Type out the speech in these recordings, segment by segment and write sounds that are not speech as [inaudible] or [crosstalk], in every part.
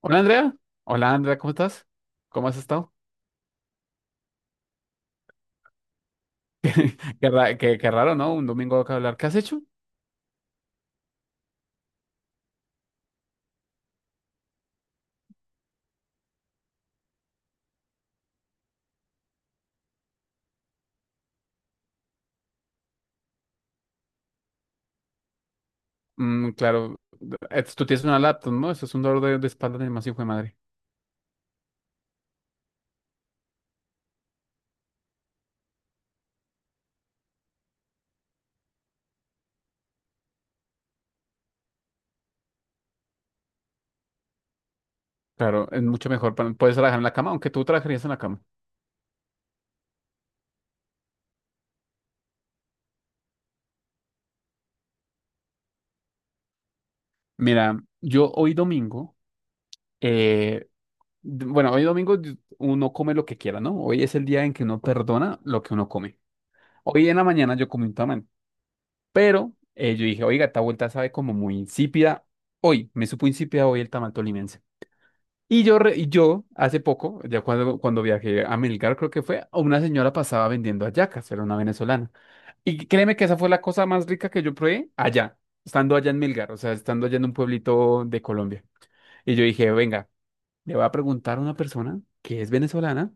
Hola Andrea, ¿cómo estás? ¿Cómo has estado? ¿Qué raro, no? Un domingo acá hablar. ¿Qué has hecho? Mm, claro, tú tienes una laptop, ¿no? Eso es un dolor de espalda de más hijo de madre. Claro, es mucho mejor. Puedes trabajar en la cama, aunque tú trabajarías en la cama. Mira, yo hoy domingo, eh, bueno, uno come lo que quiera, ¿no? Hoy es el día en que uno perdona lo que uno come. Hoy en la mañana yo comí un tamal, pero yo dije, oiga, esta vuelta sabe como muy insípida. Hoy, me supo insípida hoy el tamal tolimense. Y yo hace poco, cuando viajé a Melgar, creo que fue, una señora pasaba vendiendo hallacas, era una venezolana. Y créeme que esa fue la cosa más rica que yo probé allá, estando allá en Melgar, o sea, estando allá en un pueblito de Colombia. Y yo dije, venga, le voy a preguntar a una persona que es venezolana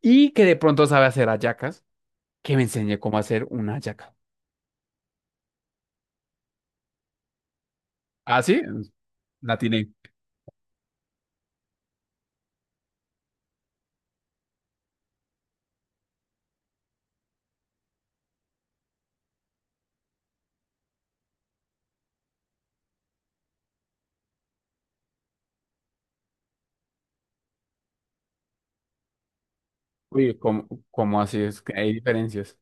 y que de pronto sabe hacer hallacas, que me enseñe cómo hacer una hallaca. ¿Ah, sí? La tiene. Uy, ¿cómo, ¿Cómo así es que hay diferencias?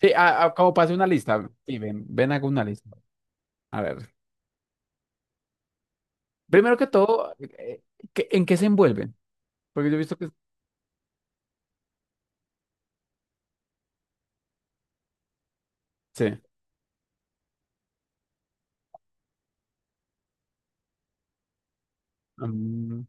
Sí, como pase una lista. Sí, ven, ven, hago una lista. A ver. Primero que todo, ¿en qué se envuelven? Porque yo he visto que sí, mm,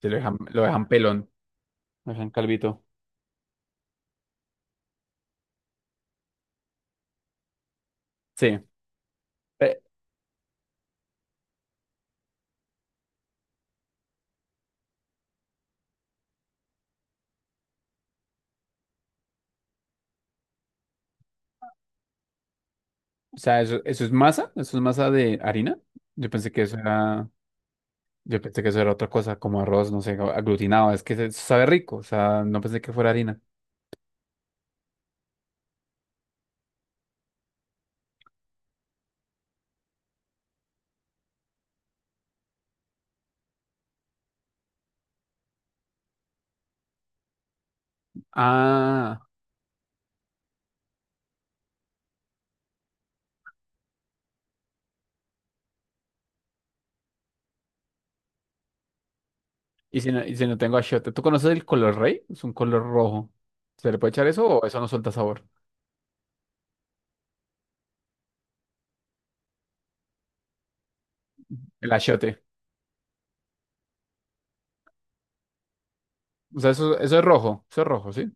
sí lo dejan pelón, lo dejan calvito. Sí. Eh, o sea, eso, eso es masa de harina. Yo pensé que eso era, yo pensé que eso era otra cosa, como arroz, no sé, aglutinado. Es que sabe rico, o sea, no pensé que fuera harina. Ah, y si no tengo achiote, ¿tú conoces el color rey? Es un color rojo. ¿Se le puede echar eso o eso no suelta sabor? El achiote. O sea, eso, eso es rojo, ¿sí?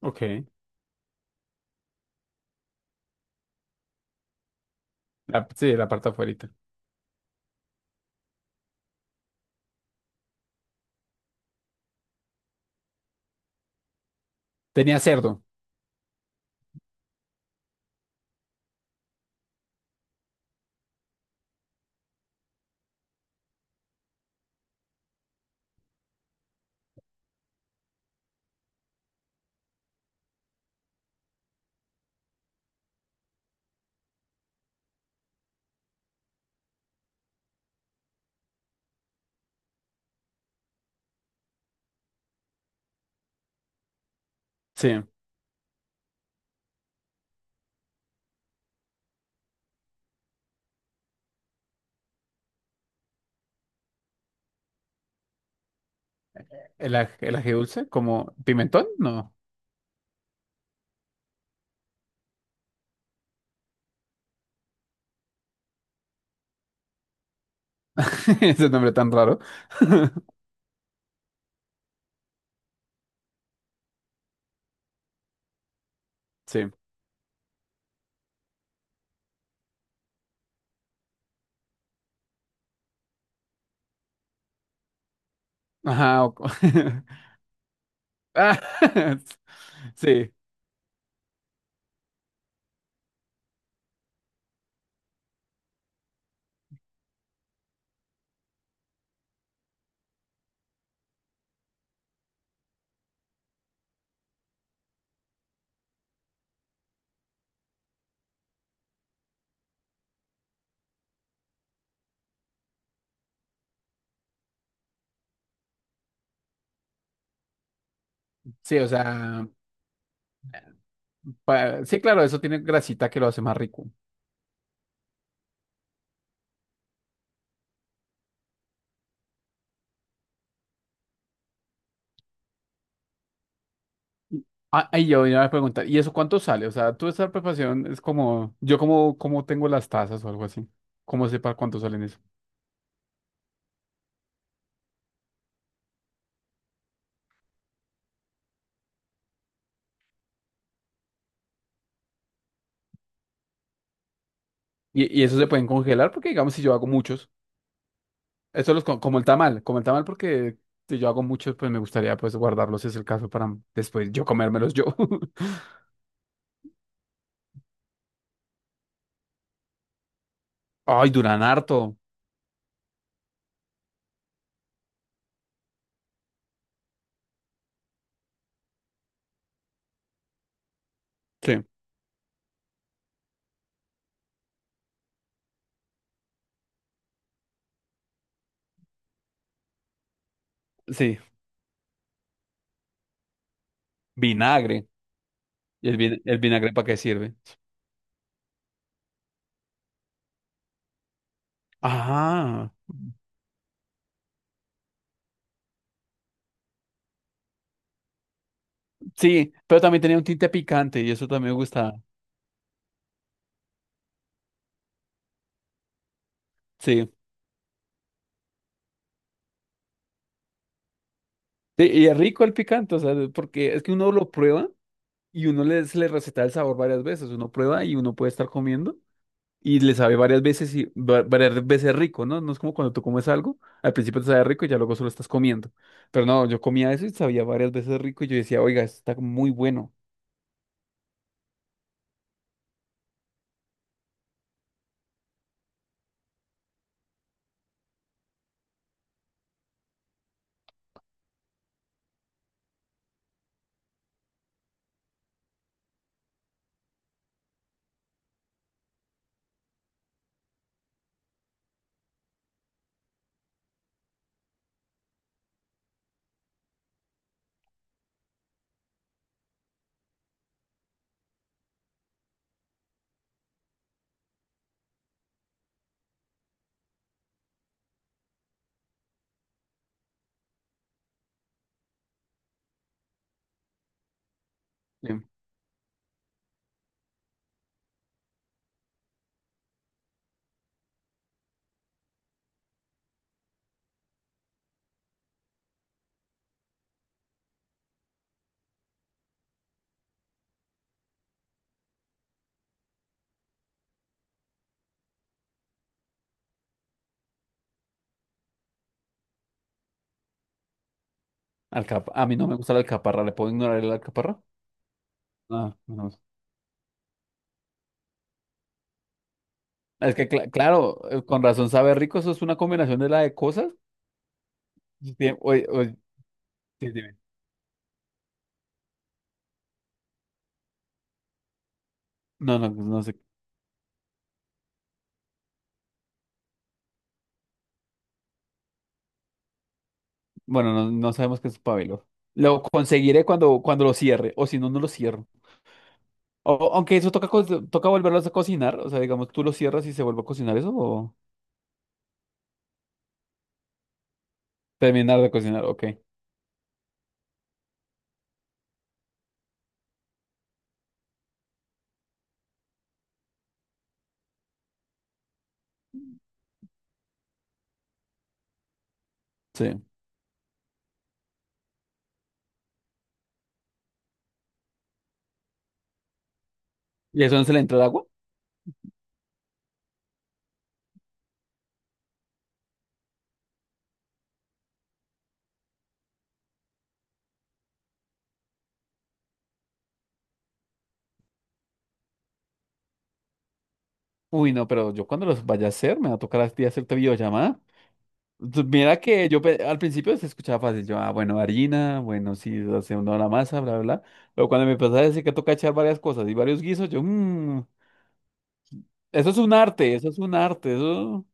Ok. Sí, la parte afuera. Tenía cerdo, sí. El ají dulce, como pimentón, no. [laughs] Ese nombre tan raro. [laughs] Sí. Ajá. [laughs] Ah, [laughs] sí, sí, o sea, sí, claro, eso tiene grasita que lo hace más rico. Ah, y yo iba a preguntar, ¿y eso cuánto sale? O sea, tú esa preparación es como, yo como, como tengo las tazas o algo así. ¿Cómo sé para cuánto salen eso? Y eso se pueden congelar porque, digamos, si yo hago muchos. Como el tamal, como el tamal porque si yo hago muchos, pues me gustaría pues guardarlos si es el caso para después yo comérmelos yo. [laughs] Ay, duran harto. Sí, sí. Vinagre. El vinagre para qué sirve? Ah, sí, pero también tenía un tinte picante y eso también me gusta. Sí. Sí, y es rico el picante, o sea, porque es que uno lo prueba y uno le, se le receta el sabor varias veces. Uno prueba y uno puede estar comiendo. Y le sabe varias veces y varias veces rico, ¿no? No es como cuando tú comes algo, al principio te sabe rico y ya luego solo estás comiendo. Pero no, yo comía eso y sabía varias veces rico y yo decía, oiga, esto está muy bueno. Sí. A mí no me gusta la alcaparra, ¿le puedo ignorar el alcaparra? Ah, no. Es que, claro, con razón sabe rico, eso es una combinación de la de cosas. Sí, oye, sí, dime. No, no, no sé. Bueno, no, no sabemos qué es pabelo. Lo conseguiré cuando lo cierre, o si no, no lo cierro. Aunque eso toca, toca volverlos a cocinar, o sea, digamos, tú lo cierras y se vuelve a cocinar eso, o terminar de cocinar, ok. Sí. ¿Y eso no se le entra el agua? Uy, no, pero yo cuando los vaya a hacer, me va a tocar a ti hacerte videollamada. Mira que yo al principio se escuchaba fácil, yo, ah, bueno, harina, bueno, sí, hace una la masa, bla, bla, bla. Pero cuando me empezaba a decir que toca echar varias cosas y varios guisos, yo, mmm, eso es un arte, eso es un arte, eso,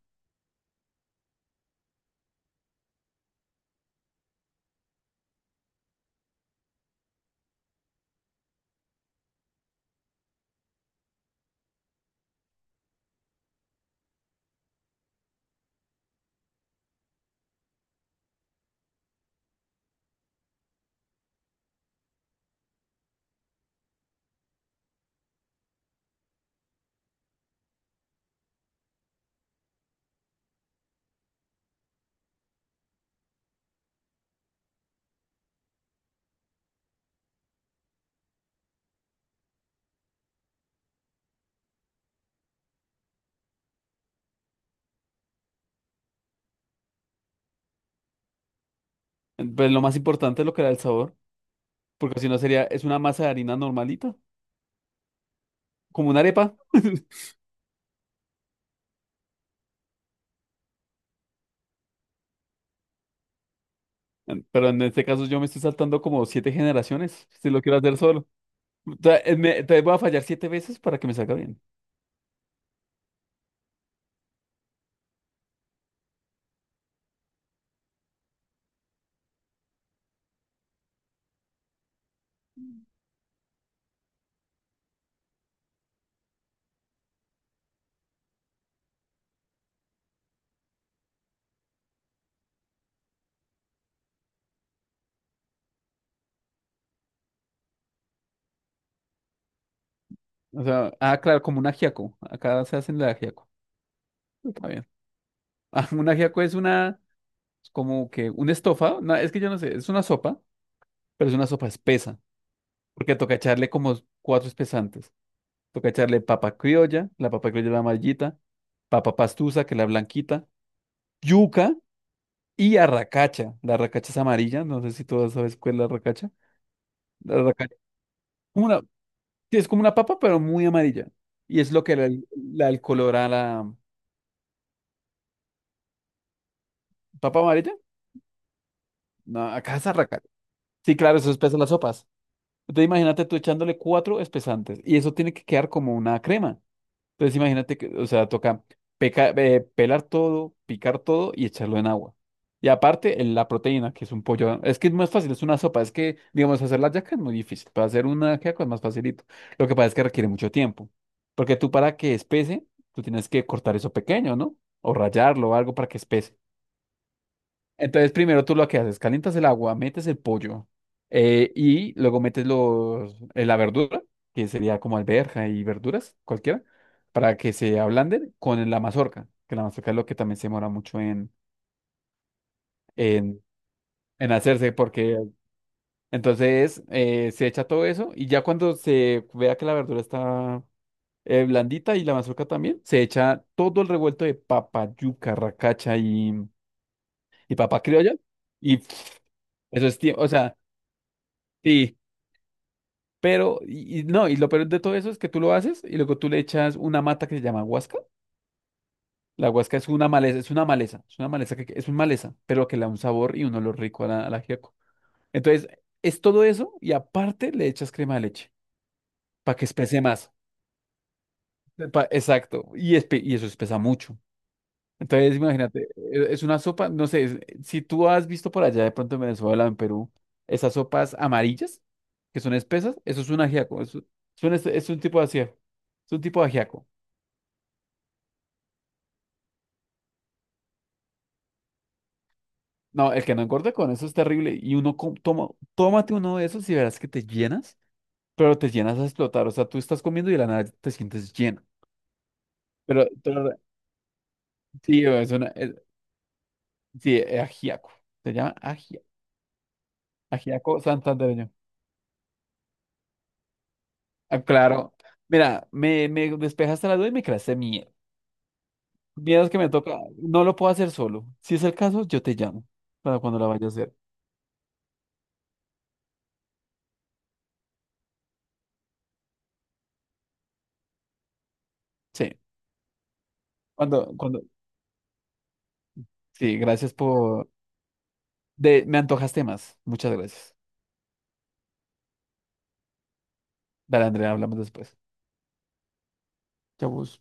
pues lo más importante es lo que da el sabor. Porque si no sería, es una masa de harina normalita, como una arepa. [laughs] Pero en este caso yo me estoy saltando como siete generaciones, si lo quiero hacer solo. O sea, entonces voy a fallar siete veces para que me salga bien. O sea, ah, claro, como un ajiaco. Acá se hacen de ajiaco. Está bien. [laughs] Ah, un ajiaco es una, como que un estofado. No, es que yo no sé, es una sopa, pero es una sopa espesa. Porque toca echarle como cuatro espesantes. Toca echarle papa criolla, la papa criolla es la amarillita, papa pastusa, que es la blanquita, yuca. Y arracacha. La arracacha es amarilla, no sé si todas sabes cuál es la arracacha. La arracacha es como una, sí, es como una papa, pero muy amarilla. Y es lo que le da el color a la papa amarilla. No, acá es arracacha. Sí, claro, eso espesa las sopas. Entonces imagínate tú echándole cuatro espesantes y eso tiene que quedar como una crema. Entonces imagínate que, o sea, toca pelar todo, picar todo y echarlo en agua. Y aparte, la proteína, que es un pollo. Es que es más fácil, es una sopa. Es que, digamos, hacer la yaca es muy difícil. Para hacer una yaca es más facilito. Lo que pasa es que requiere mucho tiempo. Porque tú para que espese, tú tienes que cortar eso pequeño, ¿no? O rallarlo o algo para que espese. Entonces, primero tú lo que haces, calientas el agua, metes el pollo y luego metes la verdura, que sería como alberja y verduras, cualquiera, para que se ablanden con la mazorca, que la mazorca es lo que también se demora mucho en, en hacerse, porque entonces se echa todo eso y ya cuando se vea que la verdura está blandita y la mazorca también, se echa todo el revuelto de papa, yuca, racacha y papa criolla y pff, eso es, o sea... Sí, pero, y no, y lo peor de todo eso es que tú lo haces y luego tú le echas una mata que se llama huasca. La huasca es una maleza, es una maleza, es una maleza que es un maleza, pero que le da un sabor y un olor rico a a la ajiaco. Entonces, es todo eso y aparte le echas crema de leche para que espese más. Exacto, y eso espesa mucho. Entonces, imagínate, es una sopa, no sé, si tú has visto por allá de pronto en Venezuela, en Perú, esas sopas amarillas que son espesas, eso es un ajiaco, son es un tipo de ajiaco, es un tipo de ajiaco. No, el que no engorde con eso es terrible. Y uno toma, tómate uno de esos y verás que te llenas, pero te llenas a explotar. O sea, tú estás comiendo y de la nada te sientes lleno. Pero sí, es una, sí, es ajiaco. Se llama ajiaco santandereño. Ah, claro. Mira, me despejaste la duda y me creaste miedo. Miedos que me toca. No lo puedo hacer solo. Si es el caso, yo te llamo para cuando la vaya a hacer. Sí. Cuando, cuando. Sí, gracias por. De, me antojaste más. Muchas gracias. Dale, Andrea, hablamos después. Chavos.